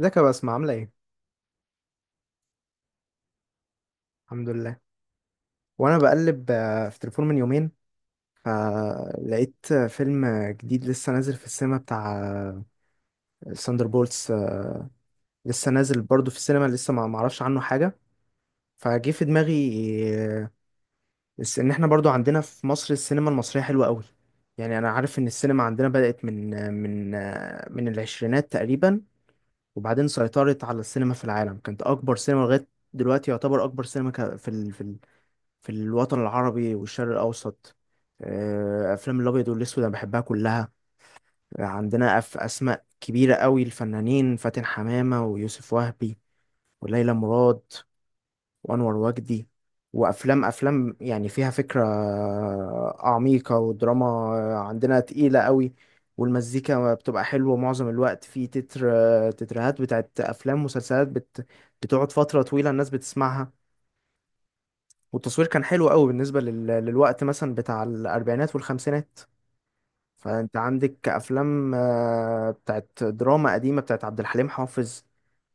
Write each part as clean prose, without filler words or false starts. ازيك يا بسمة، عاملة ايه؟ الحمد لله. وانا بقلب في تليفون من يومين، فلقيت فيلم جديد لسه نازل في السينما بتاع ساندر بولتس. لسه نازل برضو في السينما، لسه ما معرفش عنه حاجة، فجه في دماغي. آه، بس ان احنا برضو عندنا في مصر السينما المصرية حلوة قوي. يعني انا عارف ان السينما عندنا بدأت من العشرينات تقريبا، وبعدين سيطرت على السينما في العالم. كانت اكبر سينما لغاية دلوقتي، يعتبر اكبر سينما ك- في ال- في في الوطن العربي والشرق الأوسط. أفلام الأبيض والأسود أنا بحبها كلها. عندنا أسماء كبيرة قوي الفنانين: فاتن حمامة، ويوسف وهبي، وليلى مراد، وأنور وجدي. وأفلام يعني فيها فكرة عميقة ودراما عندنا تقيلة قوي. والمزيكا بتبقى حلوة معظم الوقت في تترهات بتاعت أفلام، مسلسلات بتقعد فترة طويلة الناس بتسمعها. والتصوير كان حلو قوي بالنسبة للوقت مثلا بتاع الأربعينات والخمسينات. فأنت عندك أفلام بتاعت دراما قديمة بتاعت عبد الحليم حافظ،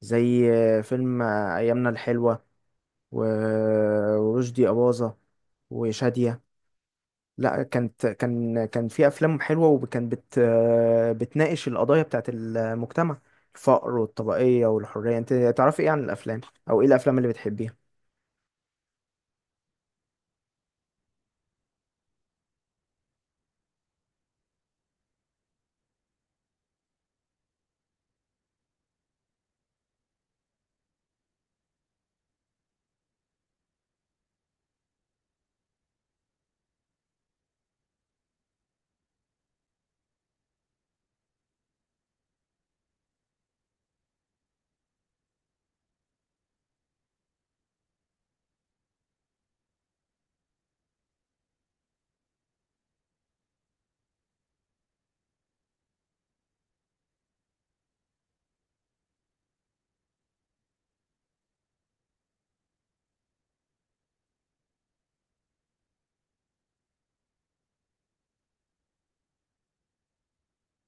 زي فيلم أيامنا الحلوة، و... ورشدي أباظة وشادية. لا، كان في أفلام حلوة، وكان بت... آه، بتناقش القضايا بتاعت المجتمع: الفقر والطبقية والحرية. أنت تعرفي إيه عن الأفلام، أو إيه الأفلام اللي بتحبيها؟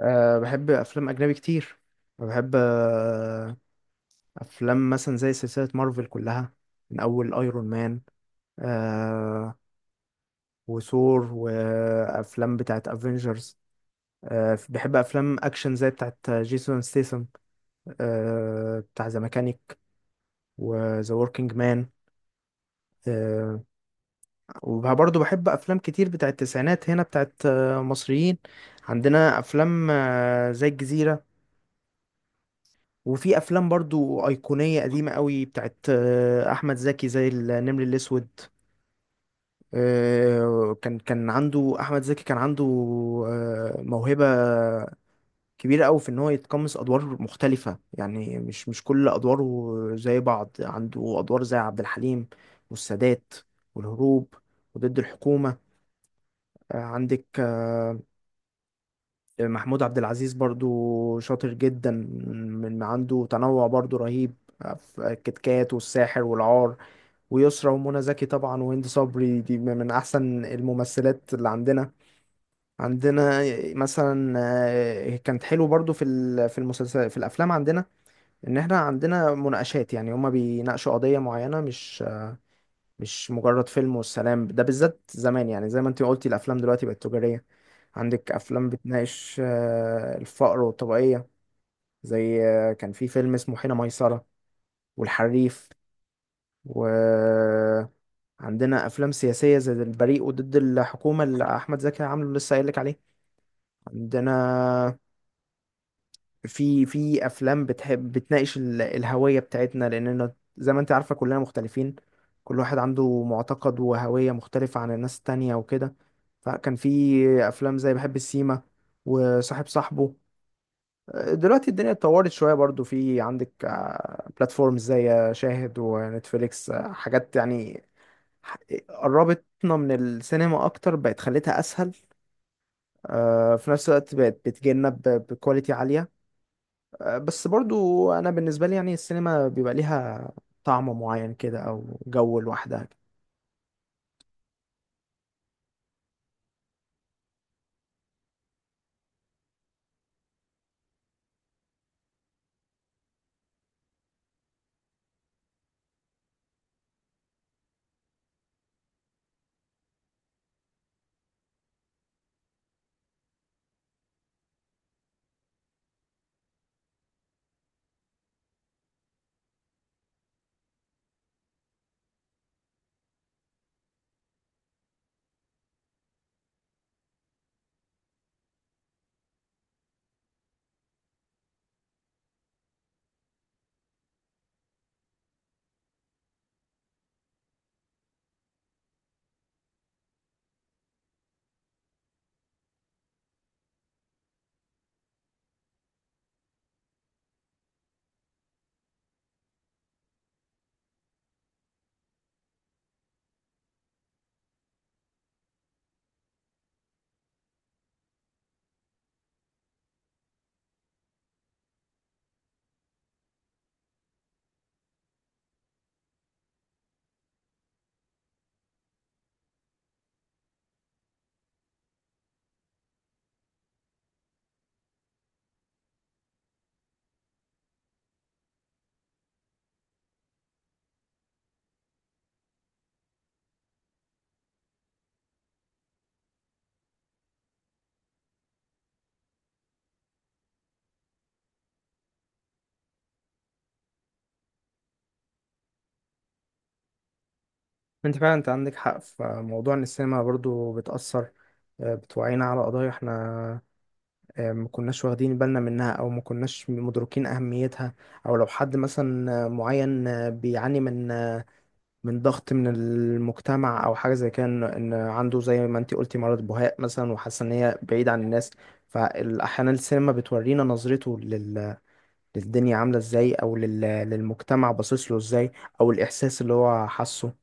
أه، بحب أفلام أجنبي كتير. بحب أفلام مثلا زي سلسلة مارفل كلها، من أول أيرون مان. أه وثور وأفلام بتاعت أفينجرز. أه، بحب أفلام أكشن زي بتاعت جيسون ستيسن. أه، بتاع ذا ميكانيك وذا وركينج مان. أه، وبرضه بحب أفلام كتير بتاعت التسعينات هنا بتاعت مصريين. عندنا أفلام زي الجزيرة. وفي افلام برضو ايقونيه قديمه قوي بتاعت احمد زكي، زي النمر الاسود. كان عنده احمد زكي، كان عنده موهبه كبيره قوي في ان هو يتقمص ادوار مختلفه، يعني مش كل ادواره زي بعض. عنده ادوار زي عبد الحليم، والسادات، والهروب، وضد الحكومه. عندك محمود عبد العزيز برضو شاطر جدا، من عنده تنوع برضو رهيب في الكتكات والساحر والعار. ويسرى ومنى زكي طبعا، وهند صبري، دي من احسن الممثلات اللي عندنا. عندنا مثلا كانت حلو برضو في المسلسل في الافلام عندنا، ان احنا عندنا مناقشات، يعني هما بيناقشوا قضيه معينه، مش مجرد فيلم والسلام. ده بالذات زمان، يعني زي ما انت قلتي، الافلام دلوقتي بقت تجاريه. عندك افلام بتناقش الفقر والطبقيه، زي كان في فيلم اسمه حين ميسرة، والحريف. وعندنا أفلام سياسية زي البريء وضد الحكومة اللي أحمد زكي عامله، لسه قايلك عليه. عندنا في أفلام بتحب بتناقش الهوية بتاعتنا، لأننا زي ما أنت عارفة كلنا مختلفين، كل واحد عنده معتقد وهوية مختلفة عن الناس التانية وكده. فكان في أفلام زي بحب السيما، وصاحب صاحبه. دلوقتي الدنيا اتطورت شوية، برضو في عندك بلاتفورمز زي شاهد ونتفليكس، حاجات يعني ح- قربتنا من السينما أكتر، بقت خلتها أسهل. في نفس الوقت بقت بتجيلنا بكواليتي عالية. بس برضو أنا بالنسبة لي يعني السينما بيبقى ليها طعم معين كده أو جو لوحدها. أنت فعلا أنت عندك حق في موضوع إن السينما برضو بتأثر، بتوعينا على قضايا إحنا ما كناش واخدين بالنا منها، او ما كناش مدركين اهميتها. او لو حد مثلا معين بيعاني من ضغط من المجتمع، او حاجه زي كده، إن عنده زي ما انتي قلتي مرض بهاء مثلا، وحاسه ان هي بعيد عن الناس. فاحيانا السينما بتورينا نظرته للدنيا عامله ازاي، او للمجتمع باصص له ازاي، او الاحساس اللي هو حاسه.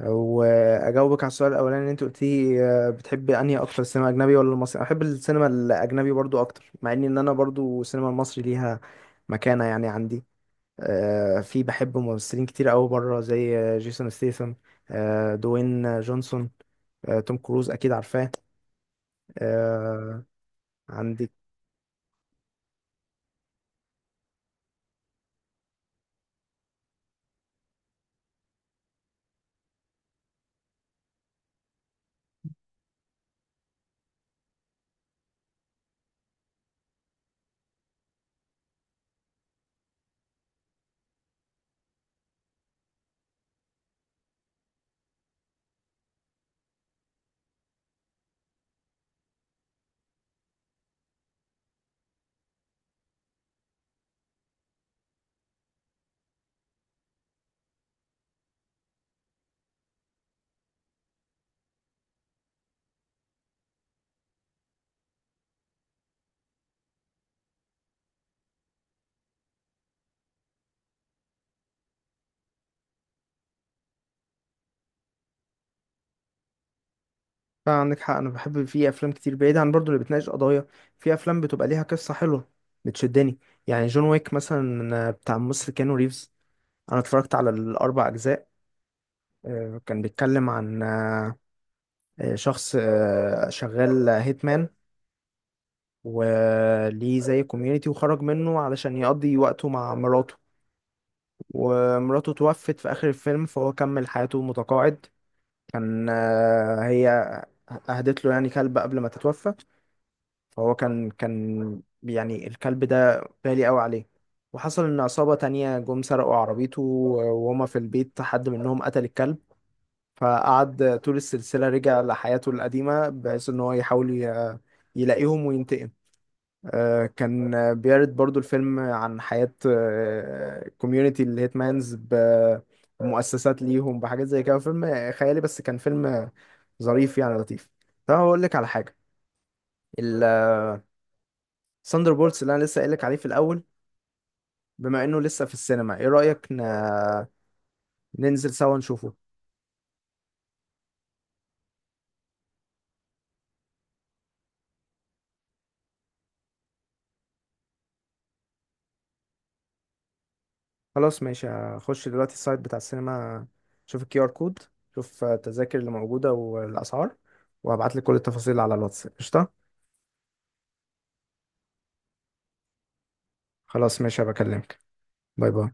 واجاوبك على السؤال الاولاني اللي انت قلتيه: بتحب انهي اكتر، السينما الاجنبي ولا المصري؟ أنا بحب السينما الاجنبي برضو اكتر، مع ان انا برضو السينما المصري ليها مكانة يعني عندي. في بحب ممثلين كتير قوي بره، زي جيسون ستيثم، دوين جونسون، توم كروز اكيد عارفاه. آه، عندك عندك حق. انا بحب في افلام كتير بعيد عن برضو اللي بتناقش قضايا، في افلام بتبقى ليها قصة حلوة بتشدني. يعني جون ويك مثلا، بتاع ممثل كيانو ريفز، انا اتفرجت على الاربع اجزاء. كان بيتكلم عن شخص شغال هيتمان، وليه زي كوميونيتي، وخرج منه علشان يقضي وقته مع مراته. ومراته توفت في اخر الفيلم، فهو كمل حياته متقاعد. كان هي اهدت له يعني كلب قبل ما تتوفى. فهو كان يعني الكلب ده غالي قوي عليه. وحصل ان عصابة تانية جم سرقوا عربيته، وهما في البيت حد منهم قتل الكلب. فقعد طول السلسلة رجع لحياته القديمة بحيث إن هو يحاول يلاقيهم وينتقم. كان بيرد برضو الفيلم عن حياة كوميونيتي الهيتمانز، بمؤسسات ليهم بحاجات زي كده. فيلم خيالي بس كان فيلم ظريف يعني لطيف. طب هقول لك على حاجة: الثاندر بولتس اللي أنا لسه قايل لك عليه في الأول، بما إنه لسه في السينما، إيه رأيك ننزل سوا نشوفه؟ خلاص ماشي، هخش دلوقتي السايت بتاع السينما، شوف QR كود، شوف التذاكر اللي موجودة والأسعار، وهبعتلك كل التفاصيل على الواتس. قشطة. خلاص ماشي، هبكلمك. باي باي.